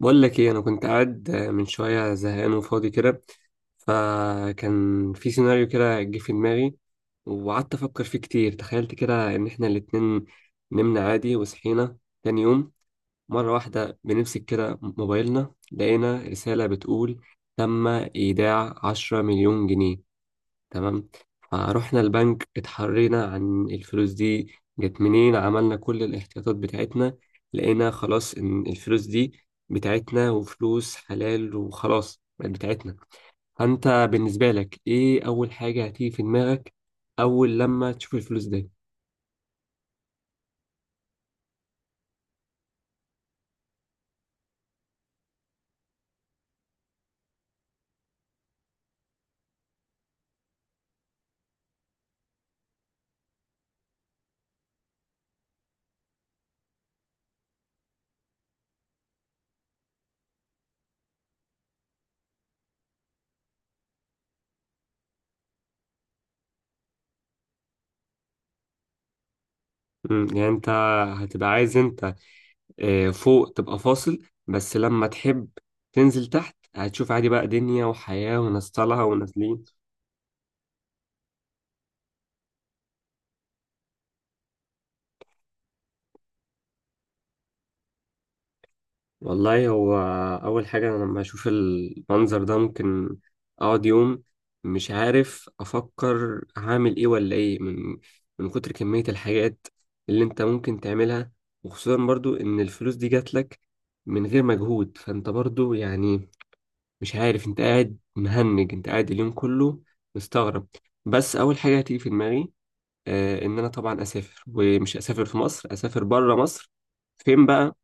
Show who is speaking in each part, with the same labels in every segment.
Speaker 1: بقول لك ايه، انا كنت قاعد من شويه زهقان وفاضي كده. فكان في سيناريو كده جه في دماغي، وقعدت افكر فيه كتير. تخيلت كده ان احنا الاتنين نمنا عادي وصحينا تاني يوم، مره واحده بنمسك كده موبايلنا لقينا رساله بتقول: تم ايداع 10 مليون جنيه. تمام. فروحنا البنك اتحرينا عن الفلوس دي جت منين، عملنا كل الاحتياطات بتاعتنا. لقينا خلاص ان الفلوس دي بتاعتنا وفلوس حلال، وخلاص بقت بتاعتنا. فانت بالنسبة لك ايه اول حاجة هتيجي في دماغك اول لما تشوف الفلوس دي؟ يعني انت هتبقى عايز انت فوق تبقى فاصل، بس لما تحب تنزل تحت هتشوف عادي بقى دنيا وحياة وناس طالعة ونازلين. والله هو أول حاجة، أنا لما أشوف المنظر ده ممكن أقعد يوم مش عارف أفكر هعمل إيه ولا إيه، من كتر كمية الحاجات اللي أنت ممكن تعملها. وخصوصا برضو إن الفلوس دي جاتلك من غير مجهود، فأنت برضو يعني مش عارف، أنت قاعد مهنج، أنت قاعد اليوم كله مستغرب. بس أول حاجة هتيجي في دماغي إن أنا طبعا أسافر، ومش أسافر في مصر، أسافر بره مصر. فين بقى؟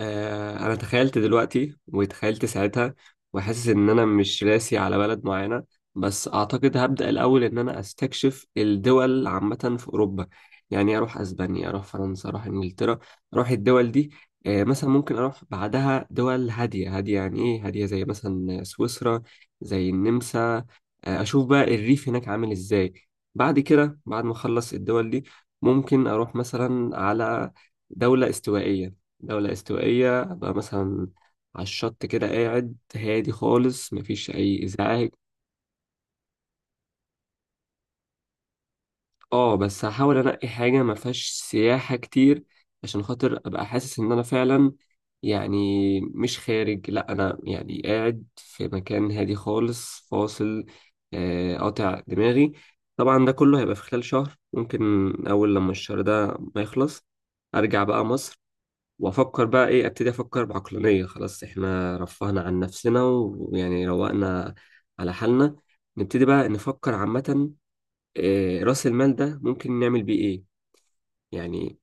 Speaker 1: انا تخيلت دلوقتي وتخيلت ساعتها، وحاسس ان انا مش راسي على بلد معينة. بس اعتقد هبدأ الاول ان انا استكشف الدول عامة في اوروبا، يعني اروح اسبانيا، اروح فرنسا، اروح انجلترا، اروح الدول دي. مثلا ممكن اروح بعدها دول هادية هادية، يعني ايه هادية؟ زي مثلا سويسرا، زي النمسا. اشوف بقى الريف هناك عامل ازاي. بعد كده، بعد ما اخلص الدول دي ممكن اروح مثلا على دولة استوائية. دولة استوائية أبقى مثلا على الشط كده قاعد هادي خالص، مفيش أي إزعاج. اه بس هحاول أنقي حاجة مفيهاش سياحة كتير، عشان خاطر أبقى حاسس إن أنا فعلا يعني مش خارج، لأ أنا يعني قاعد في مكان هادي خالص فاصل، قاطع دماغي. طبعا ده كله هيبقى في خلال شهر ممكن. أول لما الشهر ده ما يخلص أرجع بقى مصر، وافكر بقى ايه، ابتدي افكر بعقلانيه. خلاص احنا رفهنا عن نفسنا ويعني روقنا على حالنا، نبتدي بقى نفكر عامه، راس المال ده ممكن نعمل بيه ايه يعني.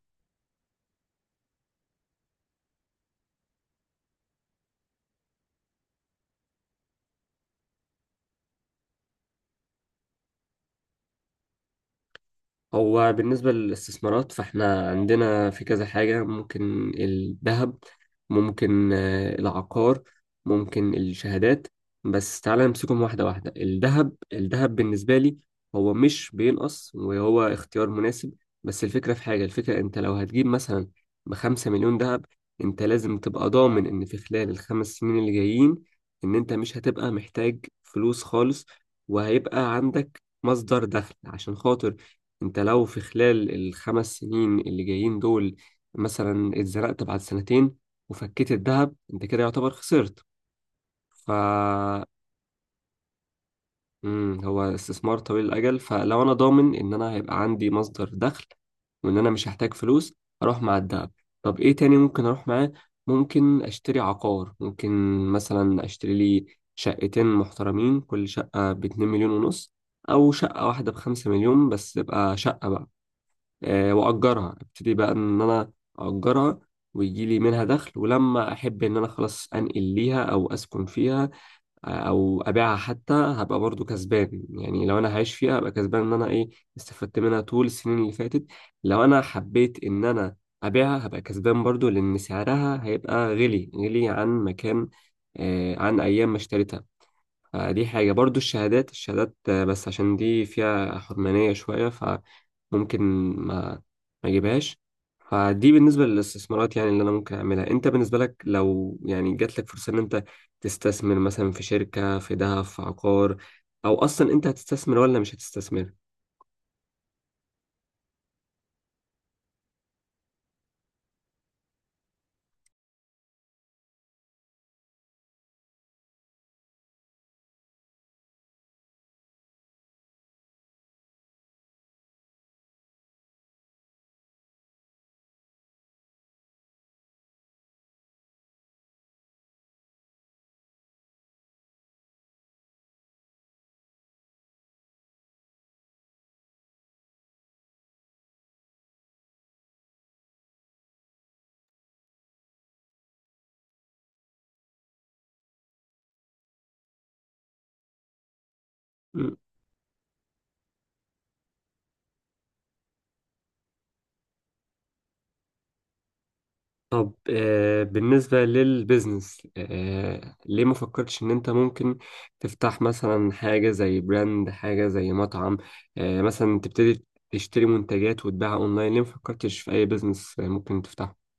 Speaker 1: هو بالنسبة للاستثمارات، فاحنا عندنا في كذا حاجة، ممكن الذهب، ممكن العقار، ممكن الشهادات. بس تعالى نمسكهم واحدة واحدة. الذهب بالنسبة لي هو مش بينقص، وهو اختيار مناسب. بس الفكرة في حاجة، الفكرة انت لو هتجيب مثلا ب5 مليون ذهب، انت لازم تبقى ضامن ان في خلال الخمس سنين اللي جايين ان انت مش هتبقى محتاج فلوس خالص، وهيبقى عندك مصدر دخل. عشان خاطر انت لو في خلال الخمس سنين اللي جايين دول مثلا اتزنقت بعد سنتين وفكيت الذهب، انت كده يعتبر خسرت. ف هو استثمار طويل الاجل، فلو انا ضامن ان انا هيبقى عندي مصدر دخل وان انا مش هحتاج فلوس، اروح مع الذهب. طب ايه تاني ممكن اروح معاه؟ ممكن اشتري عقار، ممكن مثلا اشتري لي شقتين محترمين، كل شقة ب2 مليون ونص، او شقة واحدة ب5 مليون بس تبقى شقة بقى. واجرها، ابتدي بقى ان انا اجرها، ويجي لي منها دخل، ولما احب ان انا خلاص انقل ليها او اسكن فيها، او ابيعها حتى هبقى برضو كسبان. يعني لو انا هعيش فيها هبقى كسبان ان انا ايه، استفدت منها طول السنين اللي فاتت. لو انا حبيت ان انا ابيعها هبقى كسبان برضو، لان سعرها هيبقى غلي عن مكان، عن ايام ما اشتريتها. دي حاجة برضو. الشهادات بس عشان دي فيها حرمانية شوية فممكن ما ما اجيبهاش. فدي بالنسبة للاستثمارات يعني اللي أنا ممكن أعملها. أنت بالنسبة لك لو يعني جات لك فرصة إن أنت تستثمر مثلا في شركة، في ذهب، في عقار، أو أصلا أنت هتستثمر ولا مش هتستثمر؟ طب بالنسبة للبيزنس، ليه ما فكرتش إن أنت ممكن تفتح مثلا حاجة زي براند، حاجة زي مطعم، مثلا تبتدي تشتري منتجات وتبيعها أونلاين؟ ليه ما فكرتش في أي بيزنس ممكن تفتحه؟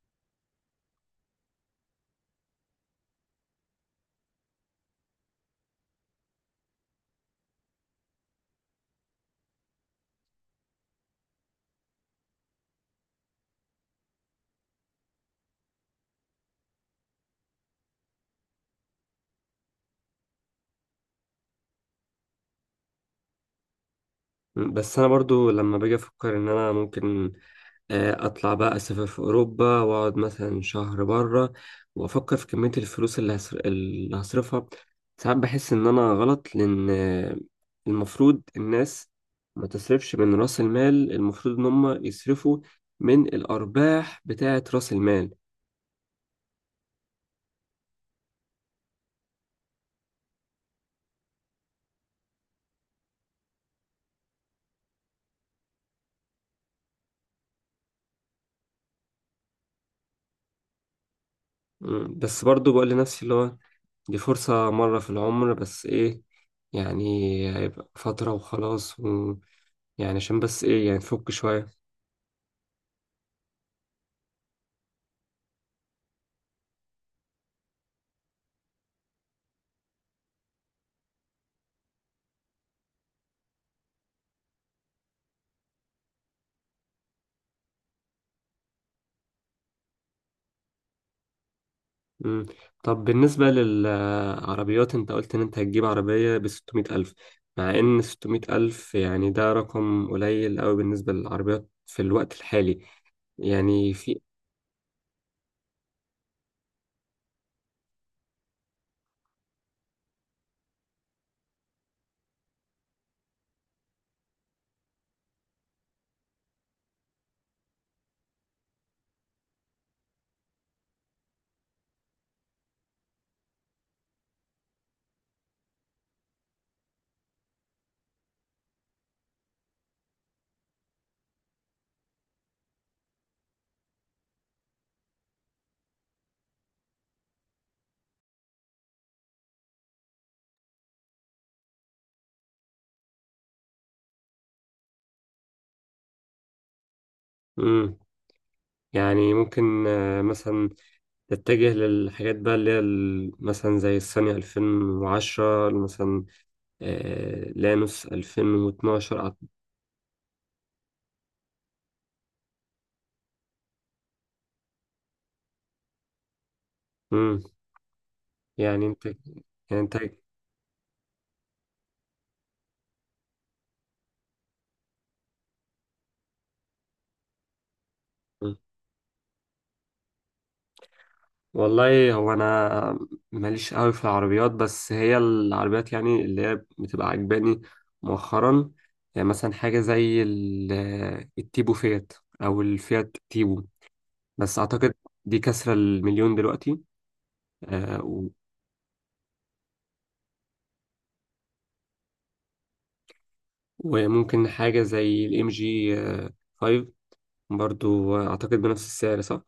Speaker 1: بس أنا برضو لما باجي أفكر إن أنا ممكن اطلع بقى اسافر في اوروبا واقعد مثلا شهر بره، وافكر في كميه الفلوس اللي اللي هصرفها. ساعات بحس ان انا غلط، لان المفروض الناس ما تصرفش من راس المال، المفروض ان هم يصرفوا من الارباح بتاعه راس المال. بس برضو بقول لنفسي اللي هو دي فرصة مرة في العمر، بس ايه يعني، هيبقى فترة وخلاص، ويعني عشان بس ايه يعني نفك شوية. مم. طب بالنسبة للعربيات، انت قلت ان انت هتجيب عربية ب600 ألف، مع ان 600 ألف يعني ده رقم قليل قوي بالنسبة للعربيات في الوقت الحالي، يعني في. مم. يعني ممكن مثلا تتجه للحاجات بقى اللي هي مثلا زي الصينية 2010 مثلا، لانوس 2012 مم. يعني انت يعني انت والله هو، انا ماليش قوي في العربيات، بس هي العربيات يعني اللي هي بتبقى عجباني مؤخرا، يعني مثلا حاجه زي التيبو فيات، او الفيات تيبو، بس اعتقد دي كسره المليون دلوقتي. آه، و- وممكن حاجه زي الام جي 5، برضو اعتقد بنفس السعر، صح؟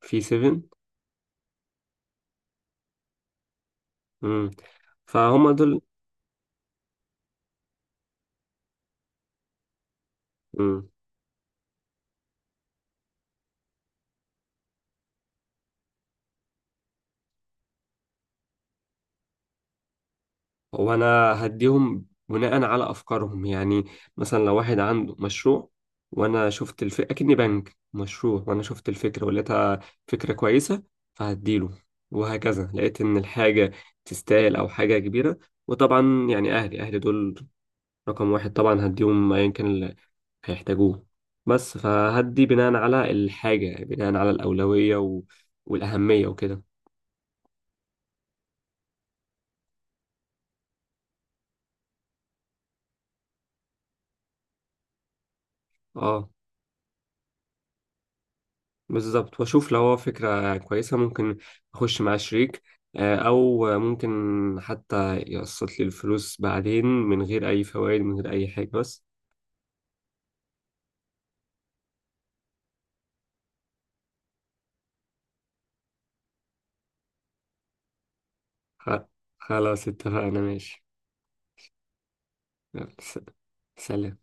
Speaker 1: في 7. امم فهم دول. وانا هديهم بناء على افكارهم، يعني مثلا لو واحد عنده مشروع وانا اكني بنك مشروع وانا شفت الفكره ولقيتها فكره كويسه، فهديله. وهكذا لقيت ان الحاجه تستاهل، او حاجه كبيره. وطبعا يعني اهلي دول رقم واحد، طبعا هديهم ايا كان اللي هيحتاجوه. بس فهدي بناء على الحاجه، بناء على الاولويه والاهميه وكده. اه بالظبط، واشوف لو هو فكرة كويسة ممكن اخش مع شريك، او ممكن حتى يقسط لي الفلوس بعدين من غير اي فوائد، من غير اي حاجة بس. خ- خلاص اتفقنا، ماشي. يلا سلام.